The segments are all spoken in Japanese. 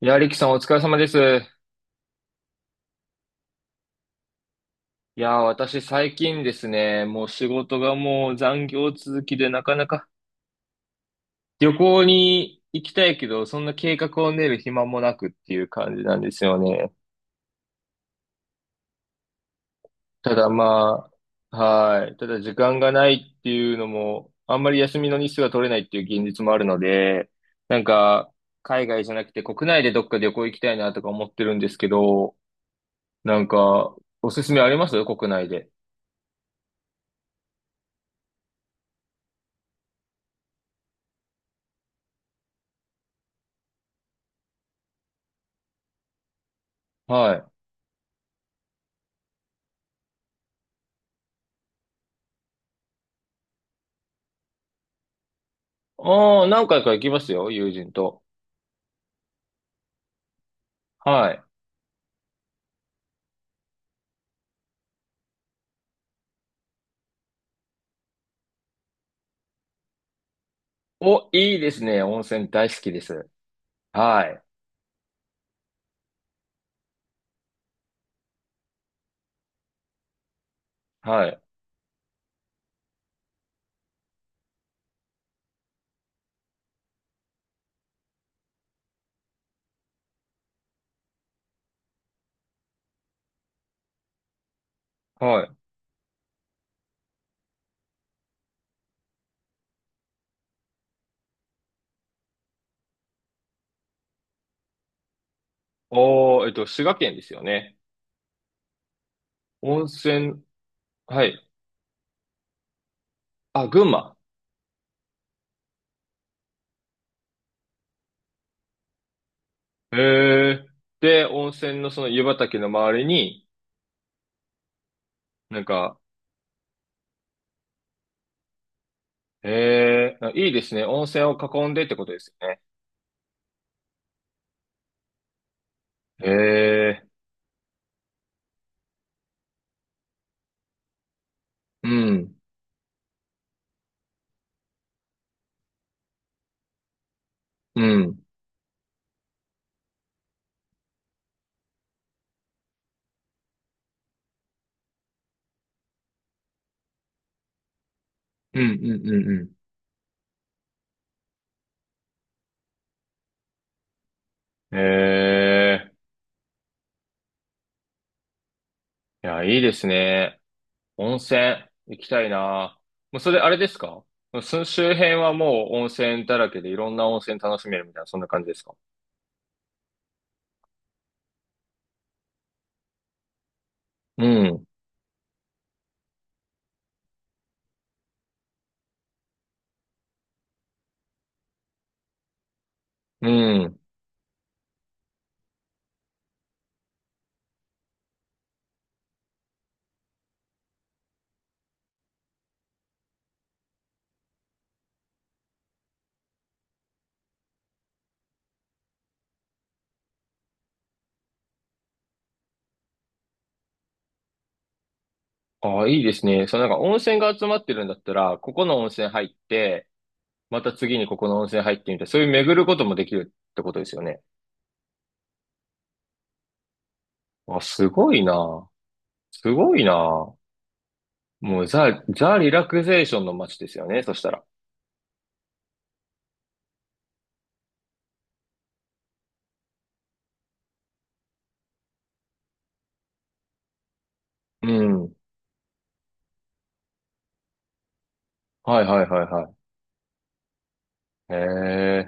いや、リキさんお疲れ様です。いや、私最近ですね、もう仕事がもう残業続きでなかなか旅行に行きたいけど、そんな計画を練る暇もなくっていう感じなんですよね。ただまあ、はい。ただ時間がないっていうのも、あんまり休みの日数が取れないっていう現実もあるので、なんか、海外じゃなくて国内でどっか旅行行きたいなとか思ってるんですけど、なんか、おすすめあります国内で。はい。ああ、何回か行きますよ、友人と。はい。お、いいですね。温泉大好きです。はい。はい。はい。おー、滋賀県ですよね。温泉、はい。あ、群馬。へえ。で、温泉のその湯畑の周りに、なんか、へえ、いいですね。温泉を囲んでってことですよね。へえ。うん。うん。うん、うん、うん、うん。へえ。いや、いいですね。温泉行きたいな。もうそれあれですか？その周辺はもう温泉だらけでいろんな温泉楽しめるみたいな、そんな感じですか？うん。うん。ああ、いいですね。そのなんか温泉が集まってるんだったら、ここの温泉入って、また次にここの温泉入ってみたいな、そういう巡ることもできるってことですよね。あ、すごいな。すごいな。もうザ・リラクゼーションの街ですよね、そしたら。うん。はいはいはいはい。へ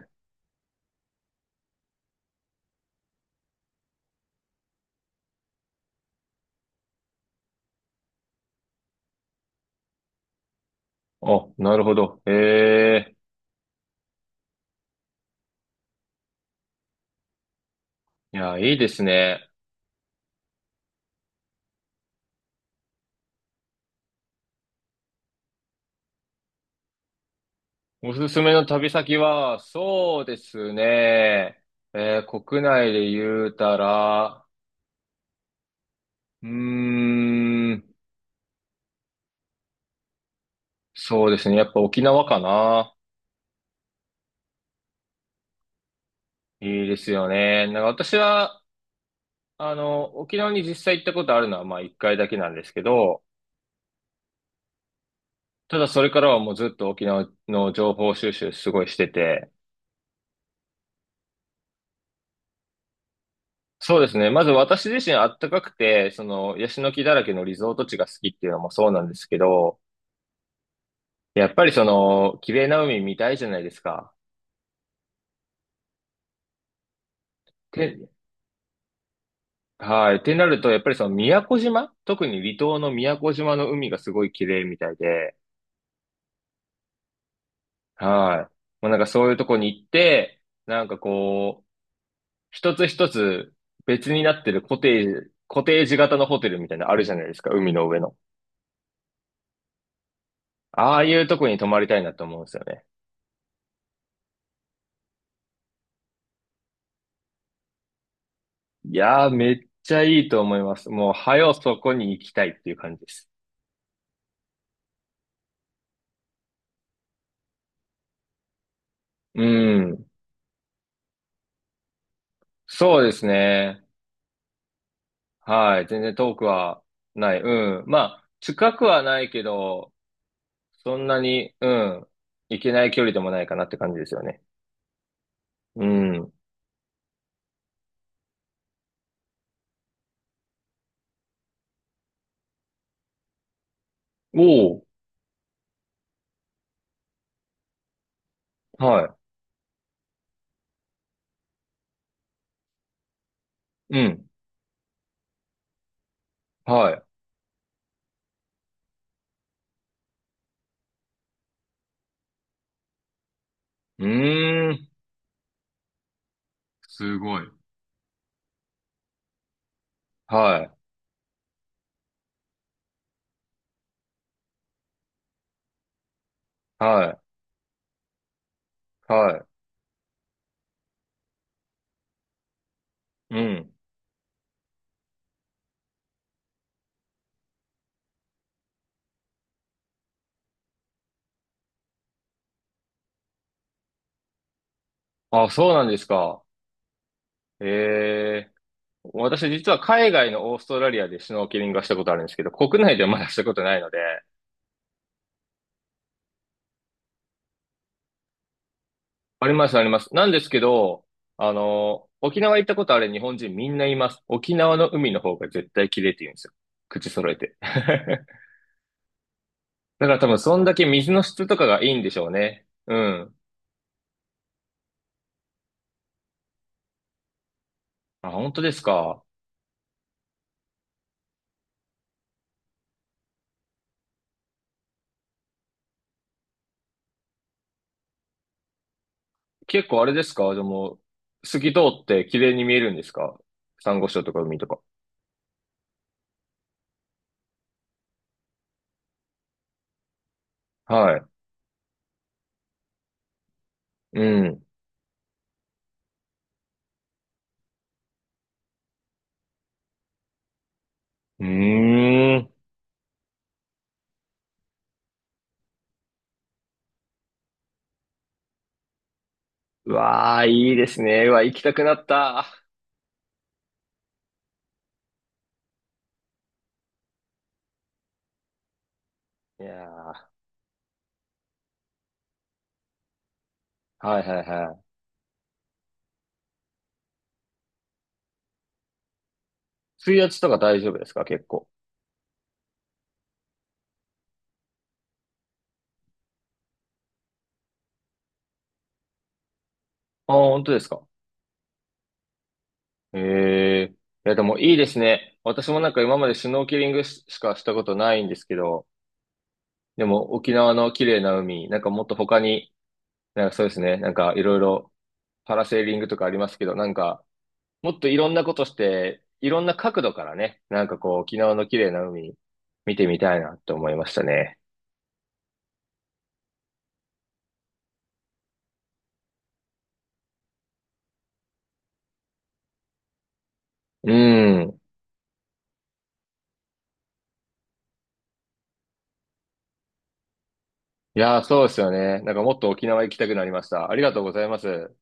え。あ、なるほど。へえ。いや、いいですね。おすすめの旅先は、そうですね。えー国内で言うたら、うーん、そうですね。やっぱ沖縄かな。いいですよね。なんか私は、あの、沖縄に実際行ったことあるのは、まあ一回だけなんですけど、ただそれからはもうずっと沖縄の情報収集すごいしてて、そうですね。まず私自身あったかくて、その、ヤシの木だらけのリゾート地が好きっていうのもそうなんですけど、やっぱりその、綺麗な海見たいじゃないですか。て、はい。ってなると、やっぱりその宮古島、特に離島の宮古島の海がすごい綺麗みたいで、はい。もうなんかそういうとこに行って、なんかこう、一つ一つ別になってるコテージ型のホテルみたいなのあるじゃないですか、海の上の。ああいうとこに泊まりたいなと思うんですよね。いやー、めっちゃいいと思います。もう、はよそこに行きたいっていう感じです。うん。そうですね。はい。全然遠くはない。うん。まあ、近くはないけど、そんなに、うん。行けない距離でもないかなって感じですよね。うん。おお。はい。うん。はい。うーん。すごい。はい。はい。はい。うん。あ、そうなんですか。ええ。私実は海外のオーストラリアでシュノーケリングはしたことあるんですけど、国内ではまだしたことないので、あります、あります。なんですけど、あの、沖縄行ったことある日本人みんな言います。沖縄の海の方が絶対綺麗って言うんですよ。口揃えて。だから多分そんだけ水の質とかがいいんでしょうね。うん。あ、本当ですか。結構あれですかでも、透き通って綺麗に見えるんですか？珊瑚礁とか海とか。はい。うん。うーん。うわあ、いいですね。うわ、行きたくなった。いやー、はいはいはい。水圧とか大丈夫ですか結構。ああ、本当ですか。ええ、いや、でもいいですね。私もなんか今までシュノーケリングししかしたことないんですけど、でも沖縄の綺麗な海、なんかもっと他に、なんかそうですね、なんかいろいろパラセーリングとかありますけど、なんかもっといろんなことして、いろんな角度からね、なんかこう沖縄の綺麗な海見てみたいなって思いましたね。うん。いや、そうですよね。なんかもっと沖縄行きたくなりました。ありがとうございます。